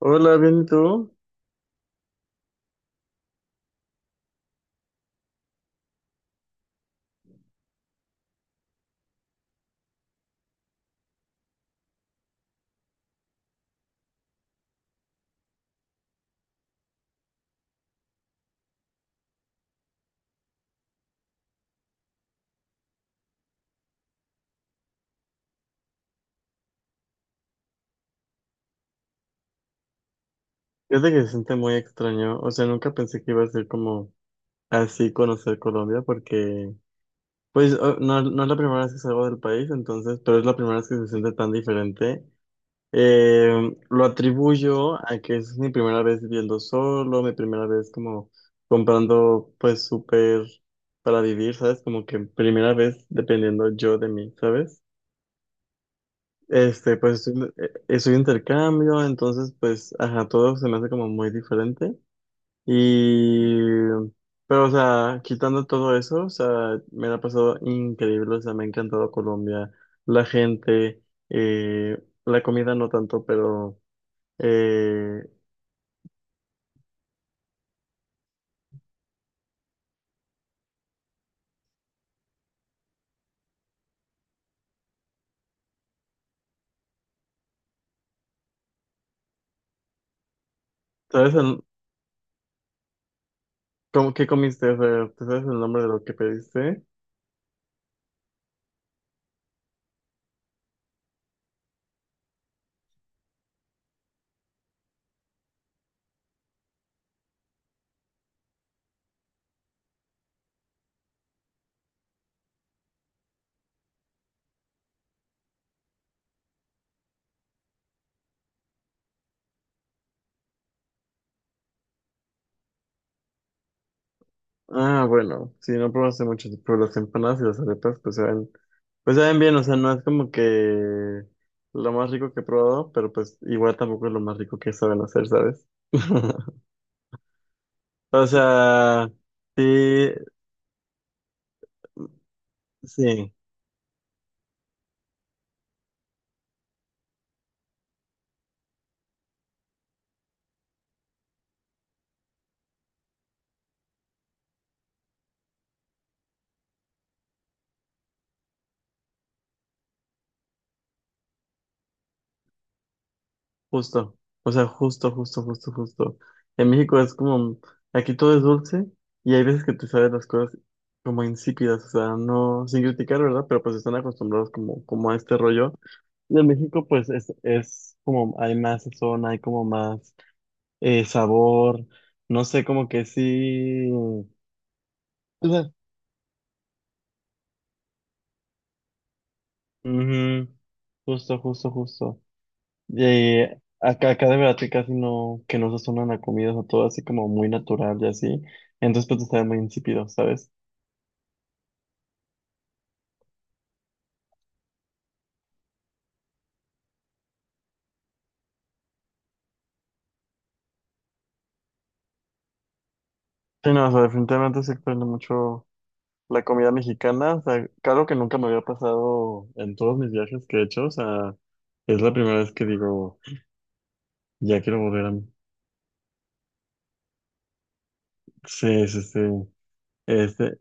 Hola, bien, ¿y tú? Fíjate que se siente muy extraño, o sea, nunca pensé que iba a ser como así conocer Colombia, porque, pues, no, no es la primera vez que salgo del país, entonces, pero es la primera vez que se siente tan diferente. Lo atribuyo a que es mi primera vez viviendo solo, mi primera vez como comprando, pues, súper para vivir, ¿sabes? Como que primera vez dependiendo yo de mí, ¿sabes? Este, pues, estoy de intercambio, entonces, pues, ajá, todo se me hace como muy diferente. Y, pero, o sea, quitando todo eso, o sea, me la ha pasado increíble, o sea, me ha encantado Colombia, la gente, la comida no tanto, pero, eh, ¿sabes cómo, qué comiste? O sea, ¿te sabes el nombre de lo que pediste? Ah, bueno, sí, no probaste mucho, pero las empanadas y las arepas, pues saben bien, o sea, no es como que lo más rico que he probado, pero pues igual tampoco es lo más rico que saben hacer, ¿sabes? O sea, sí, sí, justo. O sea, justo, justo, justo, justo. En México es como, aquí todo es dulce y hay veces que te saben las cosas como insípidas, o sea, no, sin criticar, ¿verdad? Pero pues están acostumbrados como, como a este rollo. Y en México pues es como, hay más sazón, hay como más sabor, no sé, como que sí. O sea, ujú. Justo, justo, justo. Y acá, acá de verdad que casi no, que no sazonan la comida, o sea, todo así como muy natural y así. Entonces pues está muy insípido, ¿sabes? Sí, no, o sea, definitivamente se extraña mucho la comida mexicana. O sea, claro que nunca me había pasado en todos mis viajes que he hecho, o sea, es la primera vez que digo, ya quiero volver a... Sí, sí, sí. Este,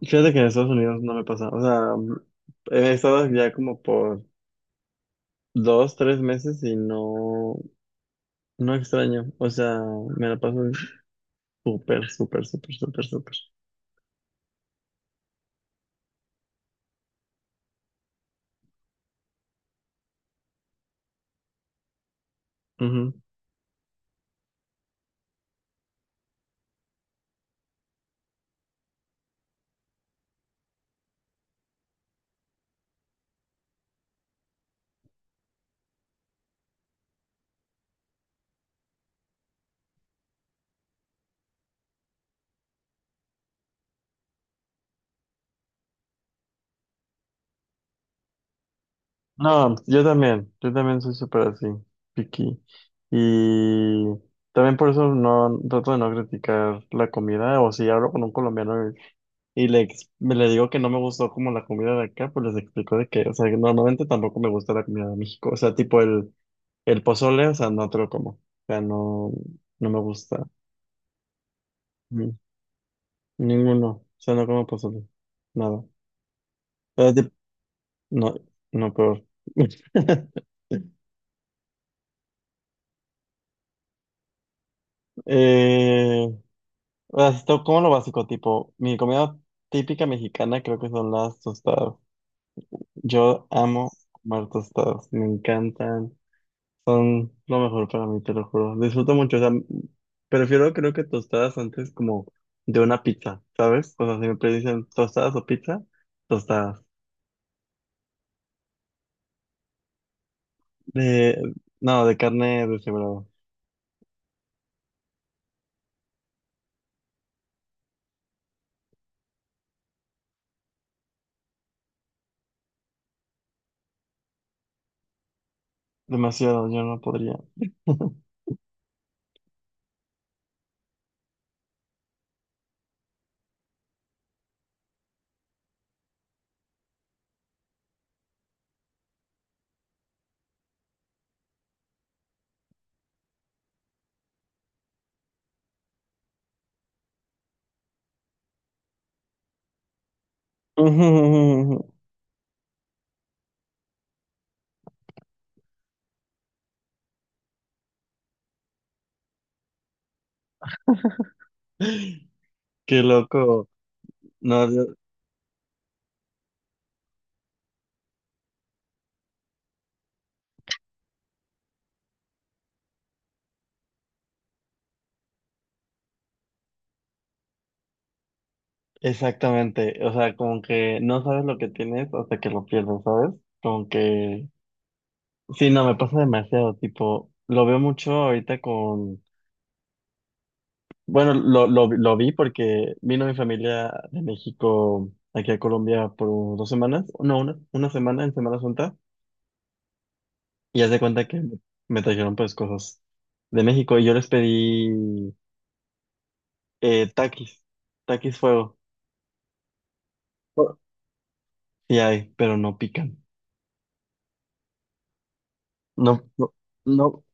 fíjate que en Estados Unidos no me pasa, o sea, he estado ya como por dos, tres meses y no, no extraño, o sea, me la paso súper, súper, súper, súper, súper. Ujú. No, yo también soy súper así, picky. Y también por eso no trato de no criticar la comida, o si hablo con un colombiano y, me le digo que no me gustó como la comida de acá, pues les explico de que, o sea, que normalmente tampoco me gusta la comida de México, o sea, tipo el pozole, o sea, no te lo como, o sea, no, no me gusta. Ujú. Ninguno, o sea, no como pozole, nada. Sea, tip- no, no, peor. Eh, o sea, esto como lo básico, tipo, mi comida típica mexicana creo que son las tostadas. Yo amo comer tostadas, me encantan, son lo mejor para mí, te lo juro. Disfruto mucho, o sea, prefiero creo que tostadas antes como de una pizza, ¿sabes? O sea, siempre dicen tostadas o pizza, tostadas. De, no, de carne deshebrada. Demasiado, yo no podría. Qué loco. No, exactamente, o sea, como que no sabes lo que tienes hasta que lo pierdes, ¿sabes? Como que sí, no, me pasa demasiado, tipo, lo veo mucho ahorita con, bueno, lo vi porque vino mi familia de México aquí a Colombia por dos semanas, no, una semana en Semana Santa, y haz de cuenta que me trajeron pues cosas de México y yo les pedí taquis, taquis fuego, sí hay, pero no pican, no, no, no.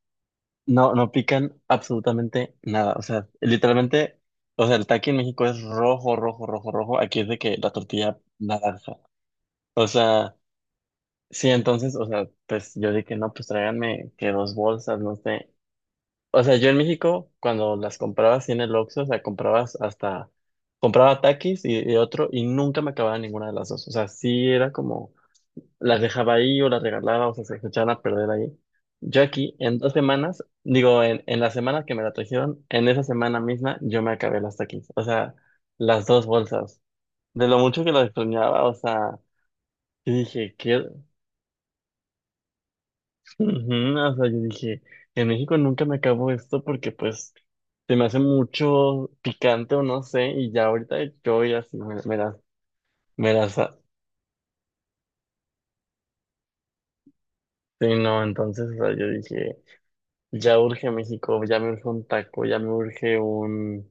No, no pican absolutamente nada. O sea, literalmente, o sea, el taqui en México es rojo, rojo, rojo, rojo. Aquí es de que la tortilla naranja. O sea, sí, entonces, o sea, pues yo dije, no, pues tráiganme que dos bolsas, no sé. O sea, yo en México, cuando las comprabas sí, en el Oxxo, o sea, comprabas hasta, compraba taquis y otro, y nunca me acababa ninguna de las dos. O sea, sí era como las dejaba ahí o las regalaba o sea, se echaban a perder ahí. Yo aquí, en dos semanas, digo, en la semana que me la trajeron, en esa semana misma yo me acabé las taquis, o sea, las dos bolsas. De lo mucho que las extrañaba, o sea, yo dije, ¿qué? Ujú. O sea, yo dije, en México nunca me acabo esto porque pues se me hace mucho picante o no sé, y ya ahorita yo ya sí me las, sí, no, entonces, o sea, yo dije... Ya urge México, ya me urge un taco, ya me urge un,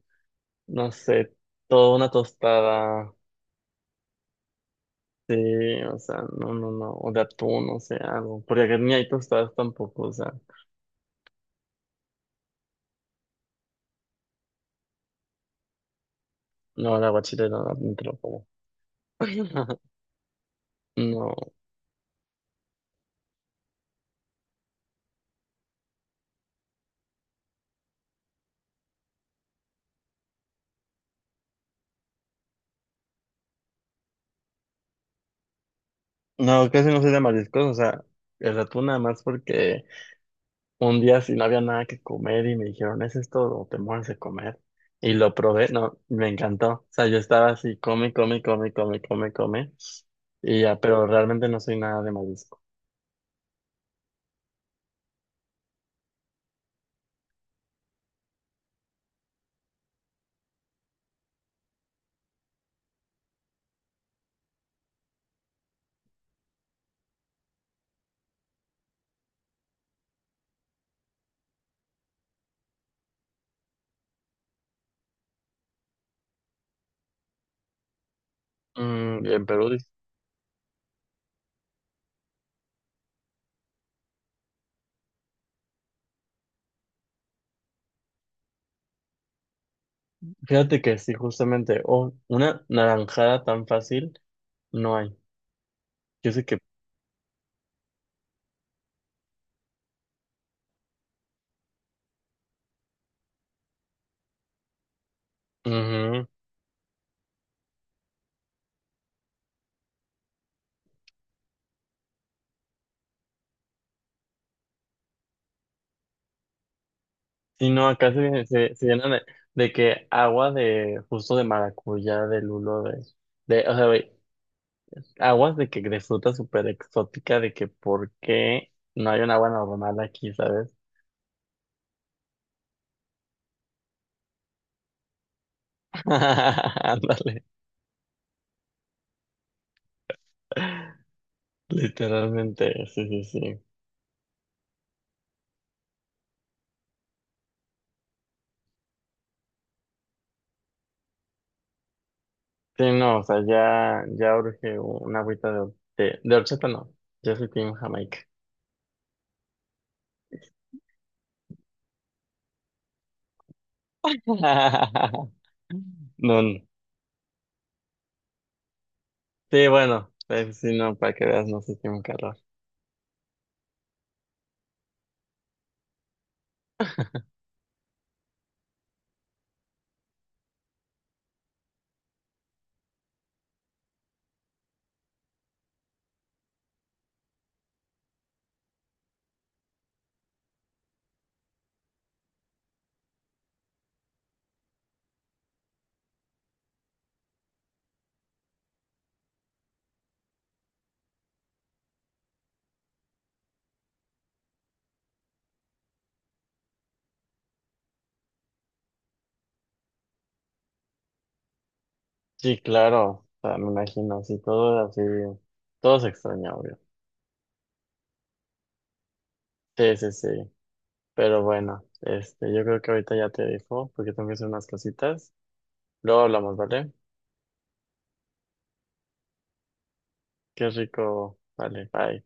no sé, toda una tostada. Sí, o sea, no, no, no, o de atún, o sea, algo. Porque acá ni hay tostadas tampoco, o sea, no, la aguachile no, no te lo como. No, no, casi no soy de mariscos, o sea, el atún nada más porque un día si no había nada que comer y me dijeron, ¿es esto o te mueres de comer? Y lo probé, no, me encantó. O sea, yo estaba así, come, come, come, come, come, come. Y ya, pero realmente no soy nada de marisco. Mm, en Perú, fíjate que sí, justamente, oh, una naranjada tan fácil no hay. Yo sé que, ujú. Sí, no, acá se, se, se llenan de que agua de, justo de maracuyá, de lulo, de, o sea, güey, aguas de que, de fruta súper exótica, de que por qué no hay un agua normal aquí, ¿sabes? Ándale, literalmente, sí, sí, sí. Sí, no, o sea, ya, ya urge una agüita de horchata, no. Yo soy Team Jamaica. No, no. Sí, bueno, pues, sí, no, para que veas, no soy Team calor. Sí, claro, o sea, me imagino, sí, todo así, todo se extraña, obvio. Sí, sí, sí, pero bueno, este, yo creo que ahorita ya te dejo, porque tengo que hacer unas cositas. Luego hablamos, ¿vale? Qué rico, vale, bye.